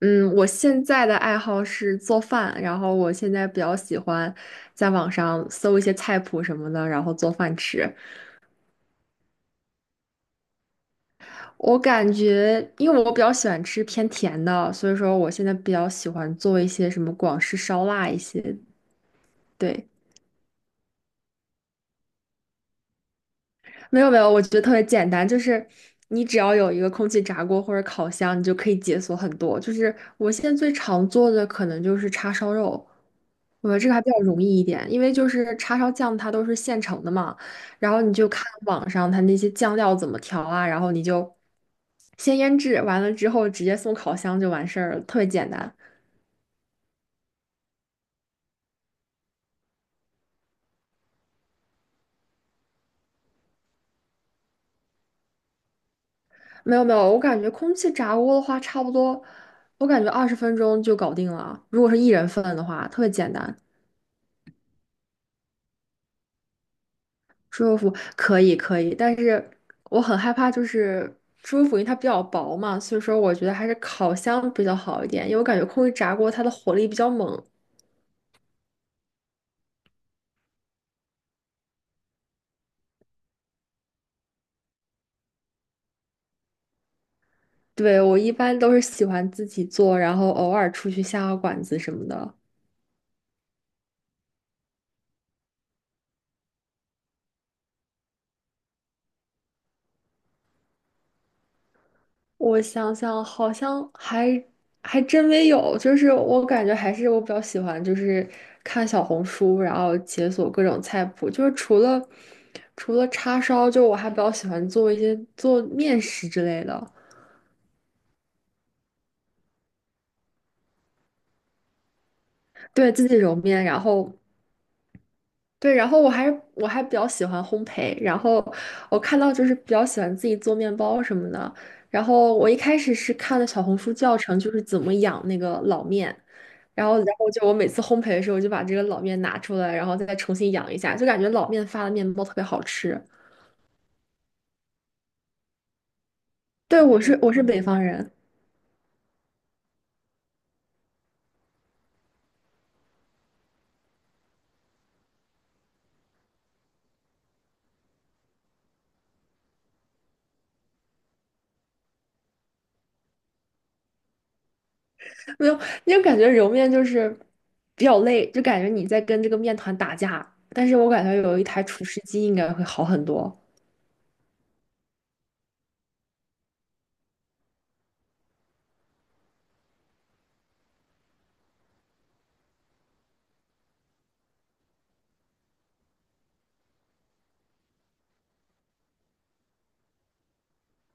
嗯，我现在的爱好是做饭，然后我现在比较喜欢在网上搜一些菜谱什么的，然后做饭吃。我感觉，因为我比较喜欢吃偏甜的，所以说我现在比较喜欢做一些什么广式烧腊一些。对，没有没有，我觉得特别简单，就是你只要有一个空气炸锅或者烤箱，你就可以解锁很多。就是我现在最常做的可能就是叉烧肉，我觉得这个还比较容易一点，因为就是叉烧酱它都是现成的嘛，然后你就看网上它那些酱料怎么调啊，然后你就先腌制，完了之后直接送烤箱就完事儿了，特别简单。没有没有，我感觉空气炸锅的话，差不多，我感觉二十分钟就搞定了，如果是一人份的话，特别简单。猪肉脯可以可以，但是我很害怕，就是猪肉脯因为它比较薄嘛，所以说我觉得还是烤箱比较好一点，因为我感觉空气炸锅它的火力比较猛。对，我一般都是喜欢自己做，然后偶尔出去下个馆子什么的。我想想，好像还真没有，就是我感觉还是我比较喜欢，就是看小红书，然后解锁各种菜谱，就是除了叉烧，就我还比较喜欢做一些做面食之类的。对，自己揉面，然后对，然后我还比较喜欢烘焙，然后我看到就是比较喜欢自己做面包什么的，然后我一开始是看了小红书教程，就是怎么养那个老面，然后就我每次烘焙的时候，我就把这个老面拿出来，然后再重新养一下，就感觉老面发的面包特别好吃。对，我是北方人，没有，因为感觉揉面就是比较累，就感觉你在跟这个面团打架，但是我感觉有一台厨师机应该会好很多。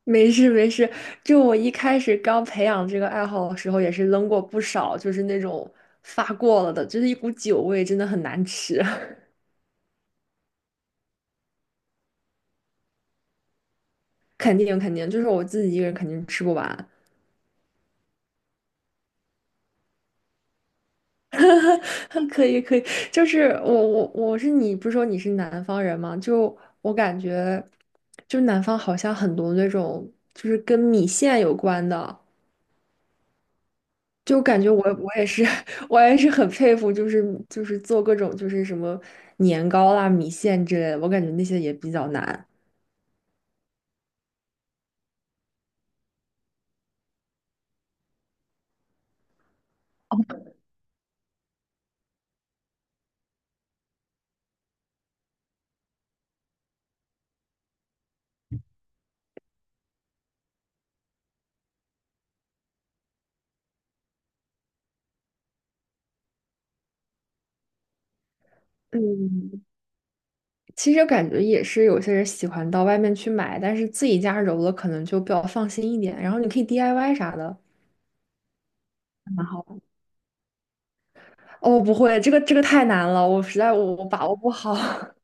没事没事，就我一开始刚培养这个爱好的时候，也是扔过不少，就是那种发过了的，就是一股酒味，真的很难吃。肯定肯定，就是我自己一个人肯定吃不完。可以可以，就是我是你，不是说你是南方人吗？就我感觉，就南方好像很多那种就是跟米线有关的。就感觉我也是 我也是很佩服，就是做各种就是什么年糕啦、米线之类的，我感觉那些也比较难。嗯，其实感觉也是有些人喜欢到外面去买，但是自己家揉了可能就比较放心一点，然后你可以 DIY 啥的，蛮好的。哦，不会，这个这个太难了，我实在我把握不好。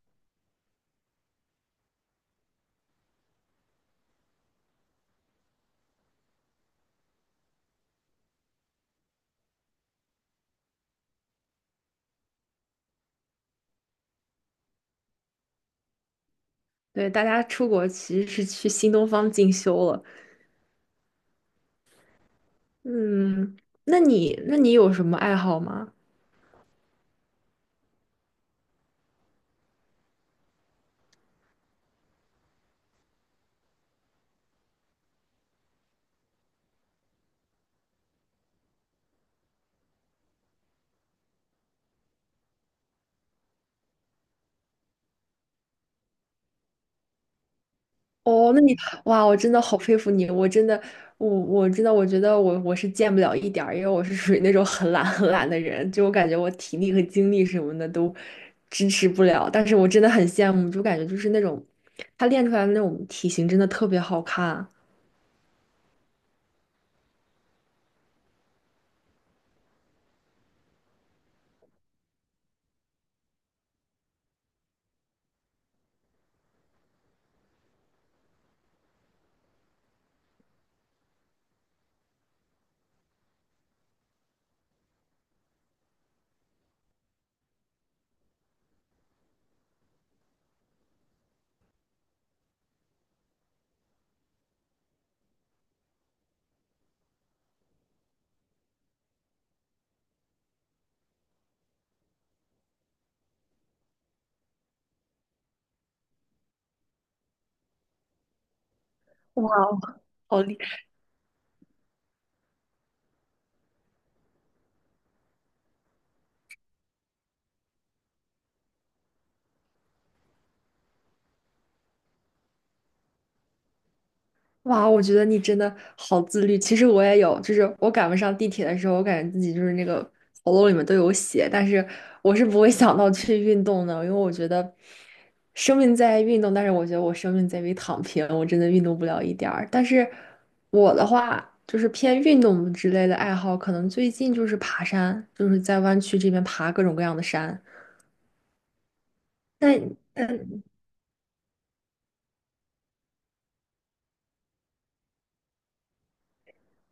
对，大家出国其实是去新东方进修了。嗯，那你有什么爱好吗？哦，那你哇，我真的好佩服你！我真的，我真的，我觉得我是见不了一点儿，因为我是属于那种很懒很懒的人，就我感觉我体力和精力什么的都支持不了。但是我真的很羡慕，就感觉就是那种他练出来的那种体型真的特别好看，哇，好厉哇，我觉得你真的好自律。其实我也有，就是我赶不上地铁的时候，我感觉自己就是那个喉咙里面都有血，但是我是不会想到去运动的，因为我觉得生命在于运动，但是我觉得我生命在于躺平，我真的运动不了一点儿。但是我的话，就是偏运动之类的爱好，可能最近就是爬山，就是在湾区这边爬各种各样的山。那。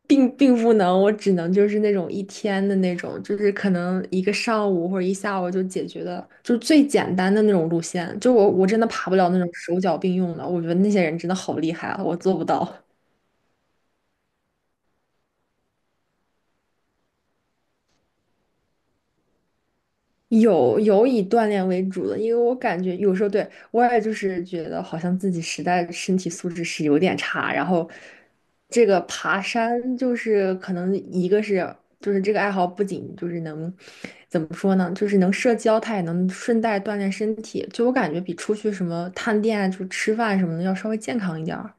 并不能，我只能就是那种一天的那种，就是可能一个上午或者一下午就解决的，就是最简单的那种路线。就我真的爬不了那种手脚并用的，我觉得那些人真的好厉害啊，我做不到。有以锻炼为主的，因为我感觉有时候对我也就是觉得好像自己实在身体素质是有点差，然后这个爬山就是可能一个是就是这个爱好不仅就是能怎么说呢，就是能社交，它也能顺带锻炼身体，就我感觉比出去什么探店啊，就吃饭什么的要稍微健康一点儿，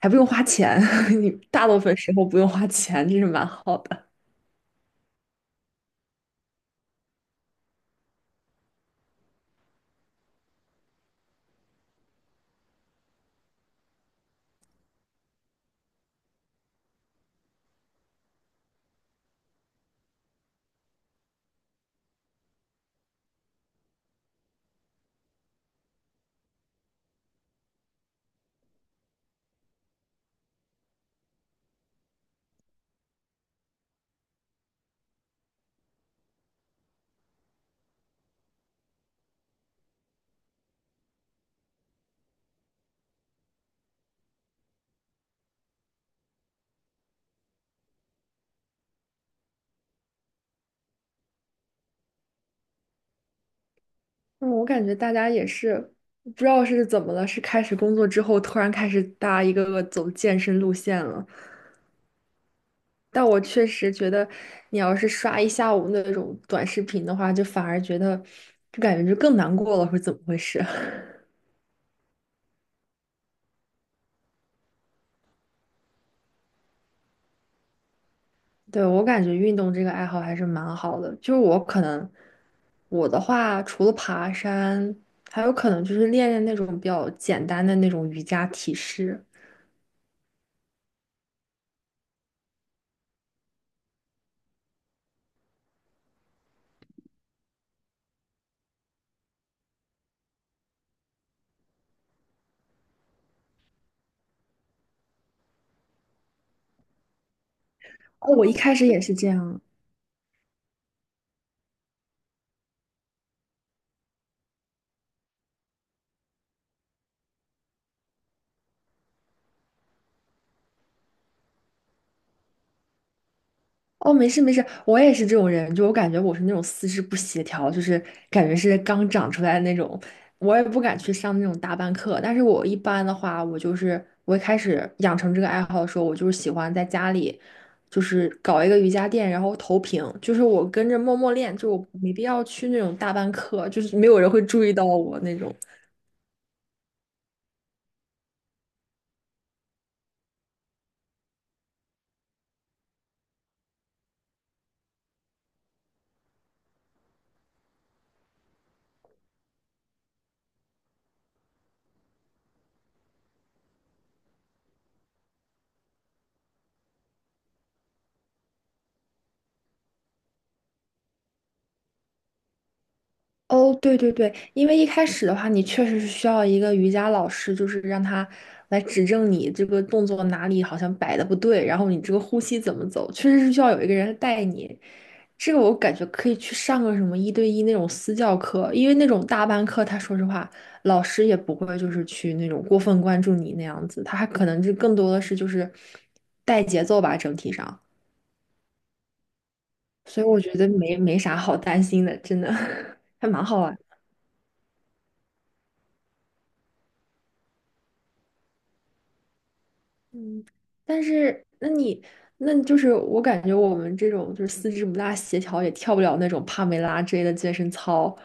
还不用花钱，你大部分时候不用花钱，这是蛮好的。嗯，我感觉大家也是不知道是怎么了，是开始工作之后突然开始大家一个个走健身路线了。但我确实觉得，你要是刷一下午那种短视频的话，就反而觉得就感觉就更难过了，是怎么回事？对，我感觉运动这个爱好还是蛮好的，就是我可能我的话，除了爬山，还有可能就是练练那种比较简单的那种瑜伽体式。哦，我一开始也是这样。哦，没事没事，我也是这种人，就我感觉我是那种四肢不协调，就是感觉是刚长出来的那种，我也不敢去上那种大班课。但是我一般的话，我就是我一开始养成这个爱好的时候，我就是喜欢在家里，就是搞一个瑜伽垫，然后投屏，就是我跟着默默练，就我没必要去那种大班课，就是没有人会注意到我那种。哦，对对对，因为一开始的话，你确实是需要一个瑜伽老师，就是让他来指正你这个动作哪里好像摆的不对，然后你这个呼吸怎么走，确实是需要有一个人带你。这个我感觉可以去上个什么一对一那种私教课，因为那种大班课，他说实话，老师也不会就是去那种过分关注你那样子，他还可能就更多的是就是带节奏吧，整体上。所以我觉得没啥好担心的，真的 还蛮好玩。嗯，但是那你那就是我感觉我们这种就是四肢不大协调，也跳不了那种帕梅拉之类的健身操。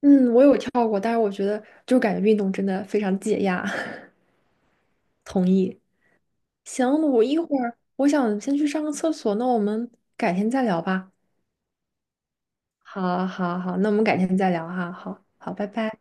嗯，我有跳过，但是我觉得就感觉运动真的非常解压。同意。行，我一会儿我想先去上个厕所，那我们改天再聊吧。好，好，好，那我们改天再聊哈。好，好，拜拜。